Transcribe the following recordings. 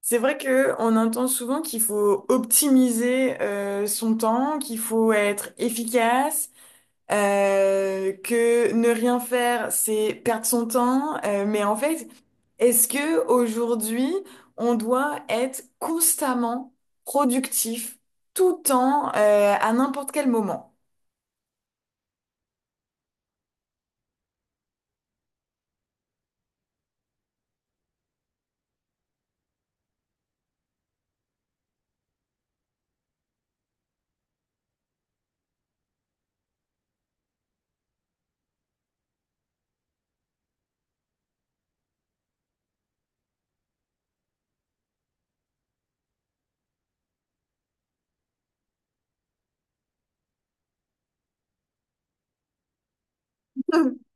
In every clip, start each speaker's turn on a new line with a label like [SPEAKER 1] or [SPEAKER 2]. [SPEAKER 1] C'est vrai que on entend souvent qu'il faut optimiser son temps, qu'il faut être efficace, que ne rien faire, c'est perdre son temps. Mais en fait, est-ce que aujourd'hui, on doit être constamment productif tout le temps à n'importe quel moment?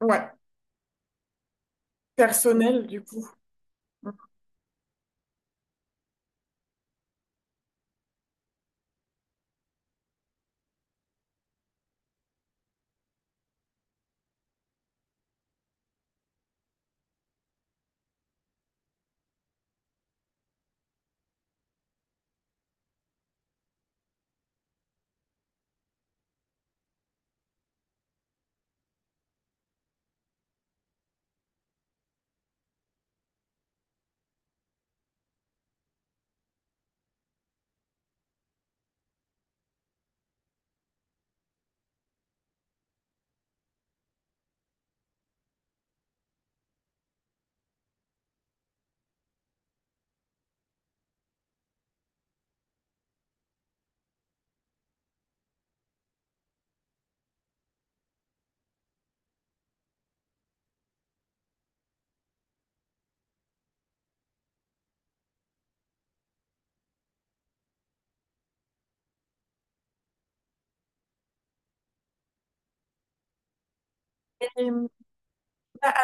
[SPEAKER 1] Ouais, personnel du coup.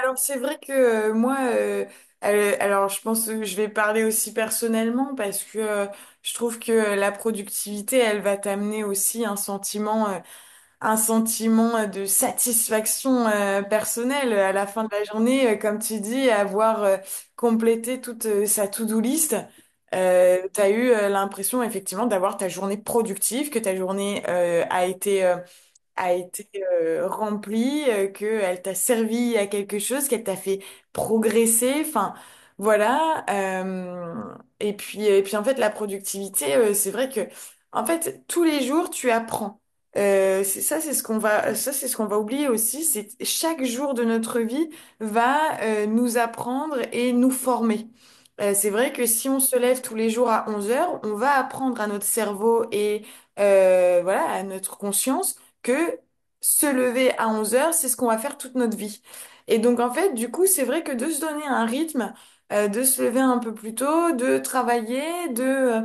[SPEAKER 1] Alors c'est vrai que alors je pense que je vais parler aussi personnellement parce que je trouve que la productivité, elle va t'amener aussi un sentiment de satisfaction personnelle à la fin de la journée, comme tu dis, avoir complété toute sa to-do list. T'as eu l'impression effectivement d'avoir ta journée productive, que ta journée a été a été remplie, qu'elle t'a servi à quelque chose, qu'elle t'a fait progresser, enfin voilà. Et puis en fait, la productivité, c'est vrai que en fait, tous les jours, tu apprends. C'est ça, c'est ce qu'on va, ça, C'est ce qu'on va oublier aussi, c'est que chaque jour de notre vie va nous apprendre et nous former. C'est vrai que si on se lève tous les jours à 11 heures, on va apprendre à notre cerveau et voilà, à notre conscience que se lever à 11 heures, c'est ce qu'on va faire toute notre vie. Et donc, en fait, du coup, c'est vrai que de se donner un rythme, de se lever un peu plus tôt, de travailler, de, euh,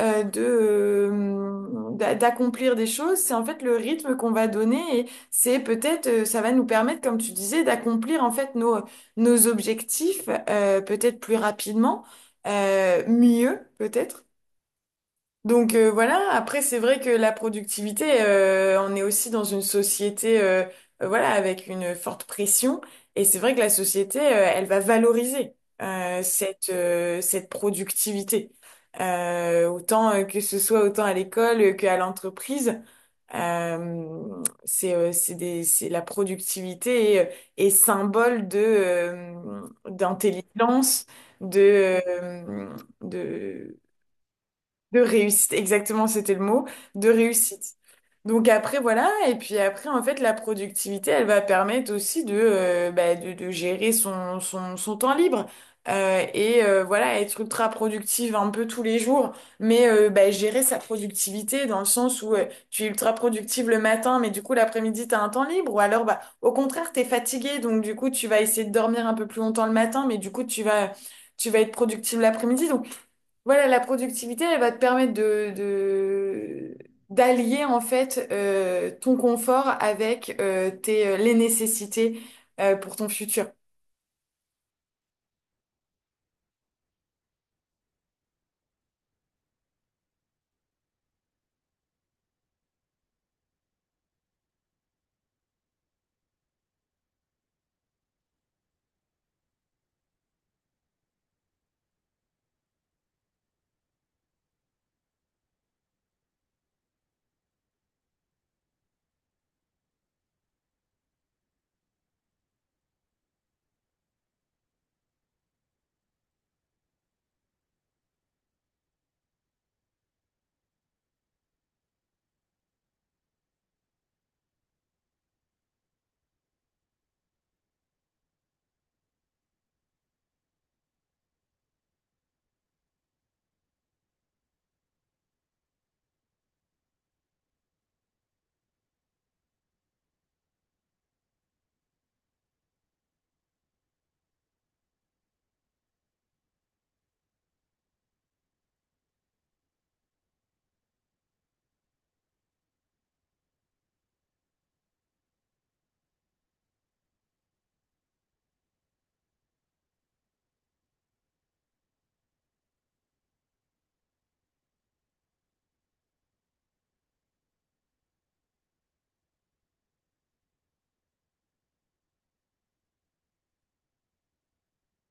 [SPEAKER 1] euh, de, d'accomplir des choses, c'est en fait le rythme qu'on va donner et c'est peut-être, ça va nous permettre, comme tu disais, d'accomplir en fait nos objectifs, peut-être plus rapidement, mieux peut-être. Donc voilà, après c'est vrai que la productivité, on est aussi dans une société voilà, avec une forte pression et c'est vrai que la société, elle va valoriser cette productivité. Autant que ce soit autant à l'école qu'à l'entreprise. C'est des c'est La productivité est symbole de d'intelligence, de de de réussite, exactement, c'était le mot, de réussite. Donc après, voilà, et puis après, en fait, la productivité, elle va permettre aussi bah, de gérer son temps libre. Voilà, être ultra productive un peu tous les jours, mais bah, gérer sa productivité dans le sens où tu es ultra productive le matin, mais du coup l'après-midi, tu as un temps libre, ou alors bah, au contraire, tu es fatigué, donc du coup, tu vas essayer de dormir un peu plus longtemps le matin, mais du coup, tu vas être productive l'après-midi. Voilà, la productivité, elle va te permettre d'allier en fait ton confort avec les nécessités pour ton futur.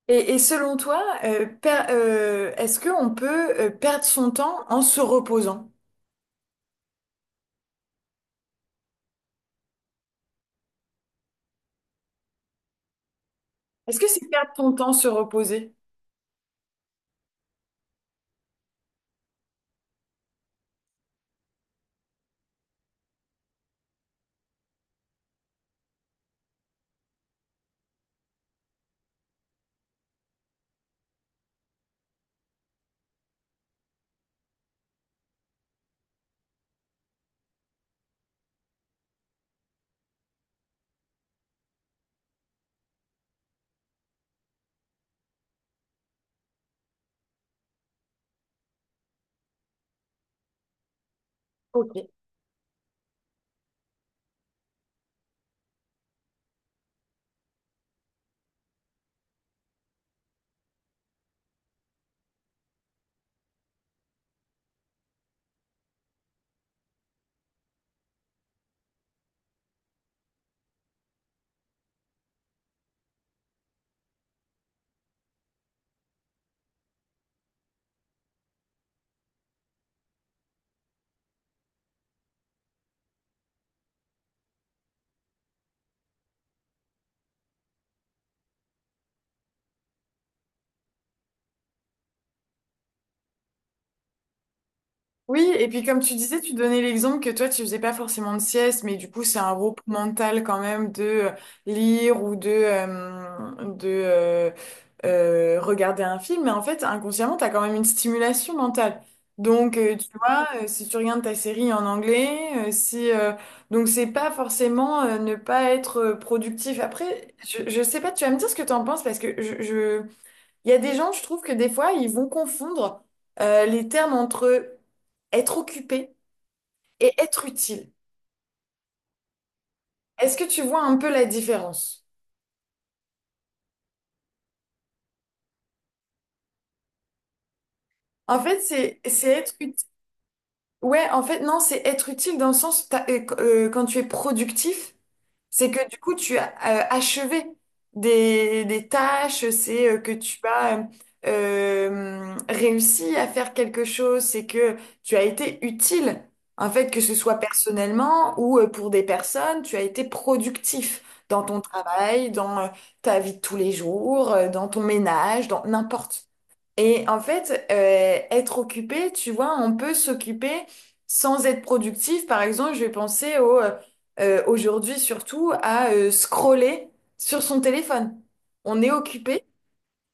[SPEAKER 1] Et selon toi, est-ce qu'on peut perdre son temps en se reposant? Est-ce que c'est perdre ton temps se reposer? Ok. Oui, et puis comme tu disais, tu donnais l'exemple que toi, tu faisais pas forcément de sieste, mais du coup, c'est un repos mental quand même de lire ou de regarder un film. Mais en fait, inconsciemment, tu as quand même une stimulation mentale. Donc, tu vois, si tu regardes ta série en anglais, si, donc c'est pas forcément ne pas être productif. Après, je sais pas, tu vas me dire ce que tu en penses parce que il y a des gens, je trouve que des fois, ils vont confondre les termes entre être occupé et être utile. Est-ce que tu vois un peu la différence? En fait, c'est être utile. Ouais, en fait, non, c'est être utile dans le sens quand tu es productif. C'est que du coup, tu as achevé des tâches, c'est que tu as réussi à faire quelque chose, c'est que tu as été utile, en fait, que ce soit personnellement ou pour des personnes, tu as été productif dans ton travail, dans ta vie de tous les jours, dans ton ménage, dans n'importe. Et en fait, être occupé, tu vois, on peut s'occuper sans être productif. Par exemple, je vais penser au, aujourd'hui surtout à scroller sur son téléphone. On est occupé,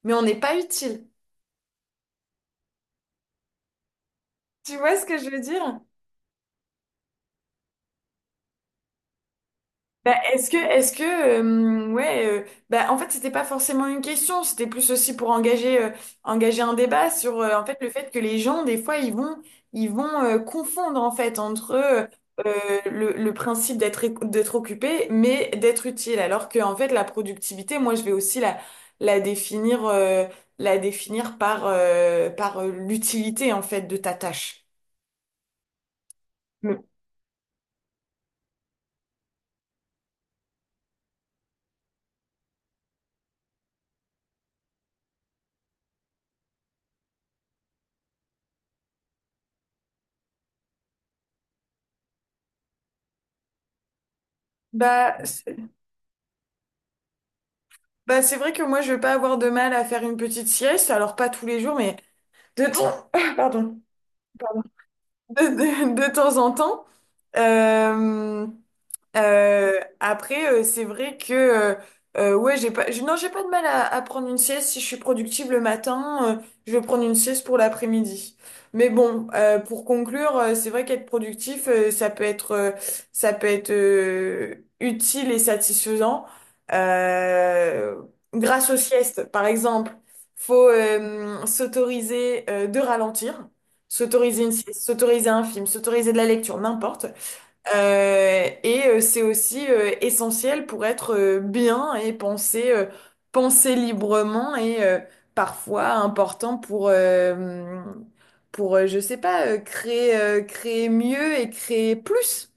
[SPEAKER 1] mais on n'est pas utile. Tu vois ce que je veux dire? Bah, bah, en fait, c'était pas forcément une question, c'était plus aussi pour engager, engager un débat sur, en fait, le fait que les gens, des fois, ils vont confondre, en fait, entre le principe d'être, d'être occupé, mais d'être utile, alors que, en fait, la productivité, moi, je vais aussi la, la définir, euh, la définir par l'utilité, en fait, de ta tâche. Mm. Bah, Bah, c'est vrai que moi, je vais pas avoir de mal à faire une petite sieste, alors pas tous les jours, mais de temps, pardon, de, de temps en temps. Euh, Après, c'est vrai que ouais, j'ai pas, j'ai- non, j'ai pas de mal à prendre une sieste. Si je suis productive le matin, je vais prendre une sieste pour l'après-midi. Mais bon, pour conclure, c'est vrai qu'être productif, ça peut être utile et satisfaisant euh, grâce aux siestes, par exemple. Faut s'autoriser de ralentir, s'autoriser une sieste, s'autoriser un film, s'autoriser de la lecture, n'importe. C'est aussi essentiel pour être bien et penser, penser librement et parfois important pour, je sais pas, créer, créer mieux et créer plus.